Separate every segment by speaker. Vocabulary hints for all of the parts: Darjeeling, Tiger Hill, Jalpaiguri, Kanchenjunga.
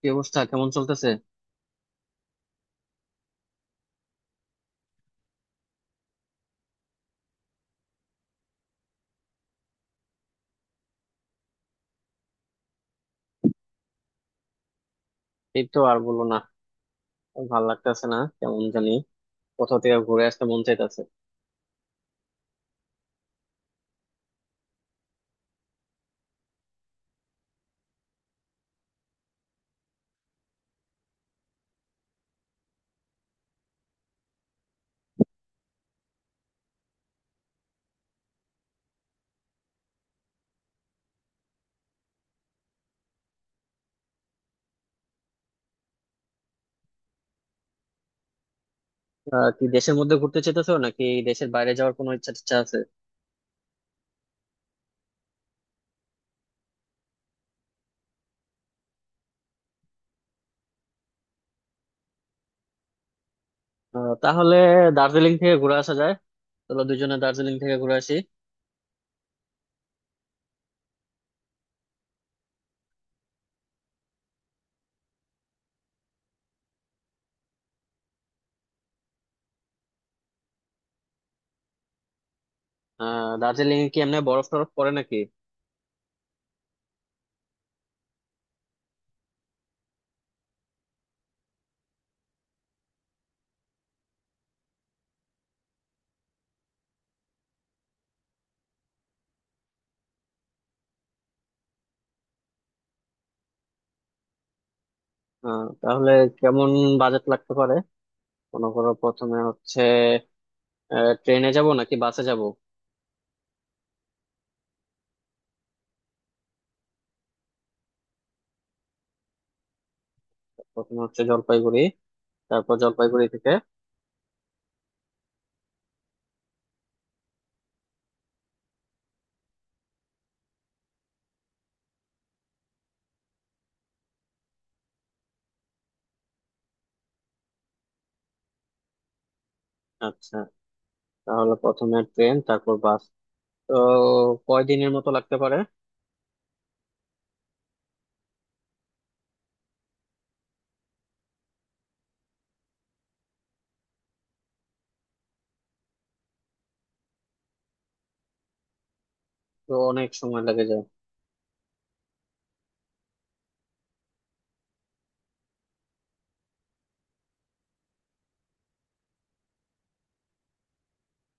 Speaker 1: কি অবস্থা? কেমন চলতেছে? এই তো, আর বলো না। ভাল লাগতেছে না, কেমন জানি। কোথাও থেকে ঘুরে আসতে মন চাইতেছে। কি দেশের মধ্যে ঘুরতে চাইতেছো নাকি দেশের বাইরে যাওয়ার কোনো ইচ্ছা টিচ্ছা আছে? তাহলে দার্জিলিং থেকে ঘুরে আসা যায়। চলো দুজনে দার্জিলিং থেকে ঘুরে আসি। দার্জিলিং এ কি এমনি বরফ টরফ পড়ে নাকি? তাহলে কেমন বাজেট লাগতে পারে? মনে করো, প্রথমে হচ্ছে ট্রেনে যাব নাকি বাসে যাব? প্রথমে হচ্ছে জলপাইগুড়ি, তারপর জলপাইগুড়ি থেকে। আচ্ছা, তাহলে প্রথমে ট্রেন, তারপর বাস। তো কয়দিনের মতো লাগতে পারে? তো অনেক সময় লেগে যায়।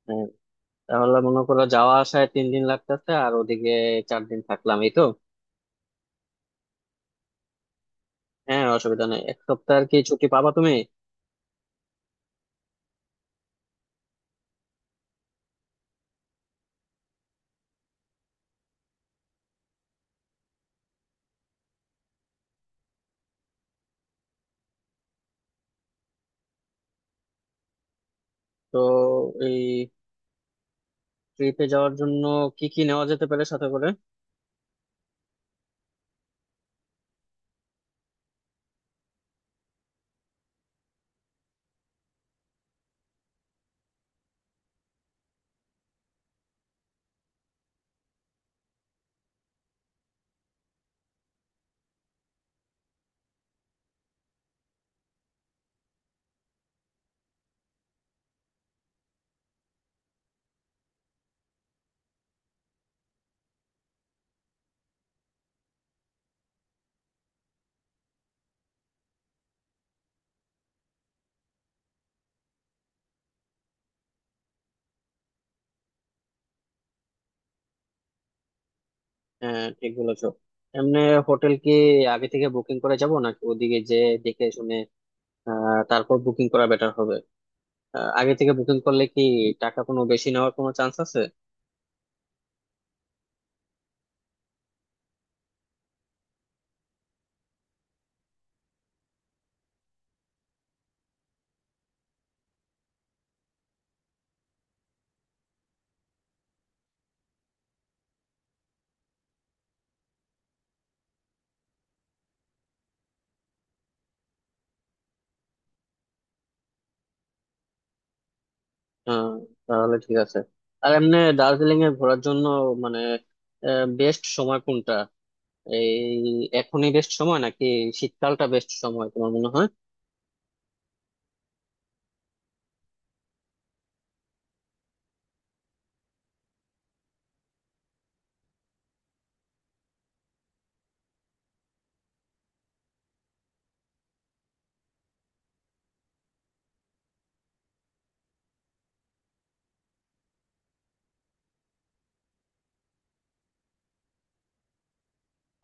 Speaker 1: হ্যাঁ, তাহলে মনে করো যাওয়া আসায় 3 দিন লাগতেছে, আর ওদিকে 4 দিন থাকলাম, এই তো। হ্যাঁ, অসুবিধা নেই, এক সপ্তাহ আর কি। ছুটি পাবা তুমি? তো এই ট্রিপে যাওয়ার জন্য কি কি নেওয়া যেতে পারে সাথে করে? হ্যাঁ, ঠিক বলেছো। এমনি হোটেল কি আগে থেকে বুকিং করে যাব নাকি ওদিকে যে দেখে শুনে তারপর বুকিং করা বেটার হবে? আগে থেকে বুকিং করলে কি টাকা কোনো বেশি নেওয়ার কোনো চান্স আছে? হ্যাঁ, তাহলে ঠিক আছে। আর এমনি দার্জিলিং এ ঘোরার জন্য মানে বেস্ট সময় কোনটা? এই এখনই বেস্ট সময় নাকি শীতকালটা বেস্ট সময় তোমার মনে হয়?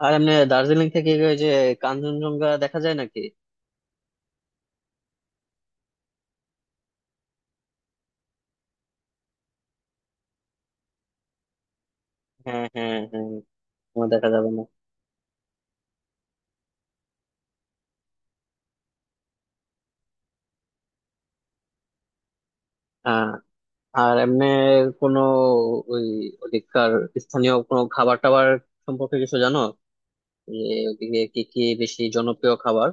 Speaker 1: আর এমনি দার্জিলিং থেকে ওই যে কাঞ্চনজঙ্ঘা দেখা যায় নাকি? হ্যাঁ, হ্যাঁ, হ্যাঁ, তোমার দেখা যাবে না। হ্যাঁ। আর এমনি কোনো ওই ওদিককার স্থানীয় কোনো খাবার টাবার সম্পর্কে কিছু জানো, যে ওদিকে কি কি বেশি জনপ্রিয় খাবার?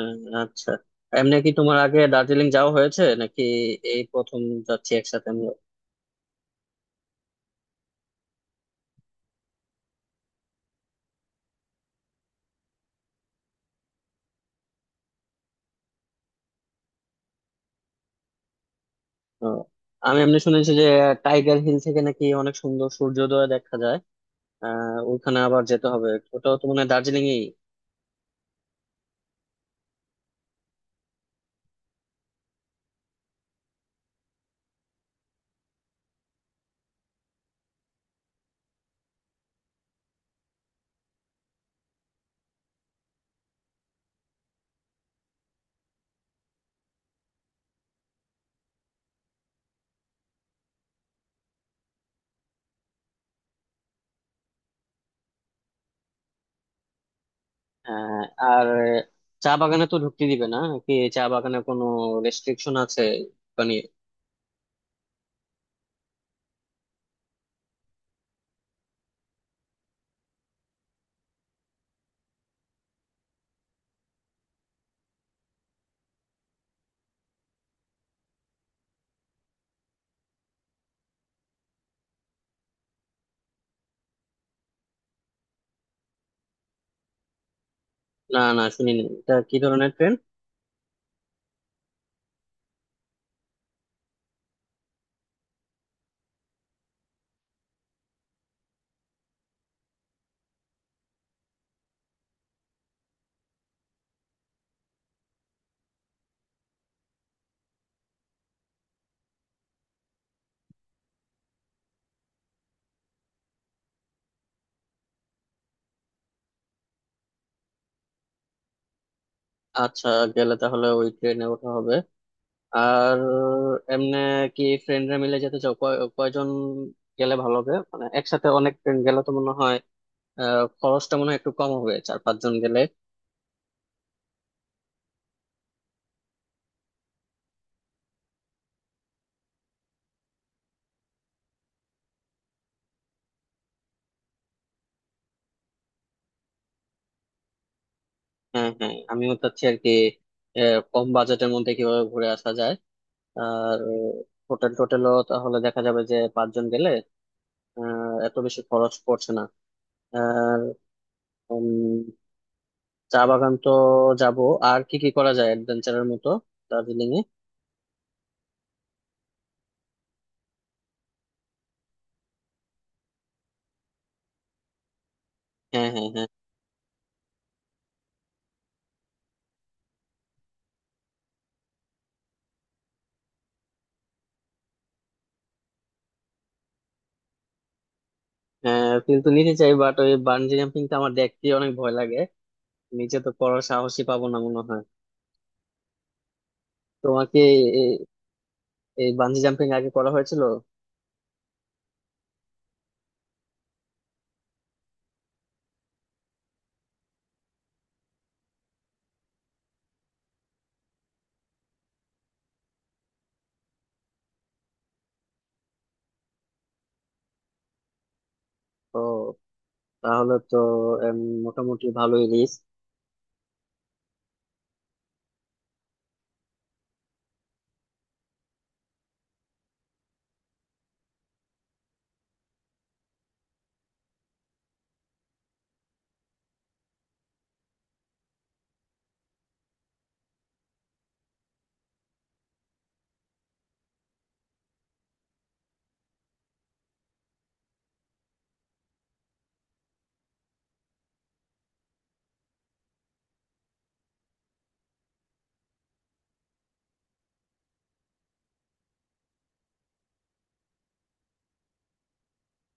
Speaker 1: আহ, আচ্ছা, এমনি কি তোমার আগে দার্জিলিং যাওয়া হয়েছে নাকি? এই প্রথম যাচ্ছি একসাথে আমরা। আহ, আমি এমনি শুনেছি যে টাইগার হিল থেকে নাকি অনেক সুন্দর সূর্যোদয় দেখা যায়। ওইখানে আবার যেতে হবে। ওটাও তো মানে দার্জিলিং এই। আর চা বাগানে তো ঢুকতে দিবে না নাকি? চা বাগানে কোনো রেস্ট্রিকশন আছে মানে? না, না, শুনিনি, এটা কি ধরনের ট্রেন? আচ্ছা, গেলে তাহলে ওই ট্রেনে ওঠা হবে। আর এমনি কি ফ্রেন্ডরা মিলে যেতে চাও? কয়জন গেলে ভালো হবে, মানে একসাথে অনেক ফ্রেন্ড গেলে তো মনে হয় খরচটা মনে হয় একটু কম হবে চার পাঁচজন গেলে। হ্যাঁ, হ্যাঁ, আমিও চাচ্ছি আর কি। কম বাজেটের মধ্যে কিভাবে ঘুরে আসা যায়। আর হোটেল টোটেলও তাহলে দেখা যাবে যে পাঁচজন গেলে এত বেশি খরচ পড়ছে না। আর উম, চা বাগান তো যাব। আর কি কি করা যায় অ্যাডভেঞ্চারের মতো দার্জিলিং এ? হ্যাঁ, হ্যাঁ, হ্যাঁ, হ্যাঁ, কিন্তু নিতে চাই বাট ওই বানজি জাম্পিং টা আমার দেখতে অনেক ভয় লাগে। নিচে তো করার সাহসই পাবো না মনে হয়। তোমাকে এ- এই বানজি জাম্পিং আগে করা হয়েছিল? তো তাহলে তো এম, মোটামুটি ভালোই রিস্ক।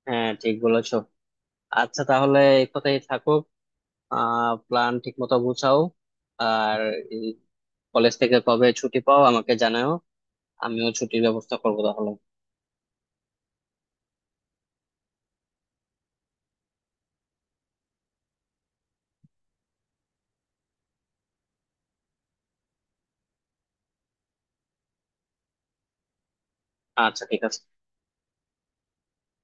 Speaker 1: হ্যাঁ, ঠিক বলেছো। আচ্ছা, তাহলে এই কথাই থাকুক। প্ল্যান ঠিক মতো গুছাও। আর কলেজ থেকে কবে ছুটি পাও আমাকে জানাও। আমিও ছুটির ব্যবস্থা করবো তাহলে। আচ্ছা, ঠিক আছে।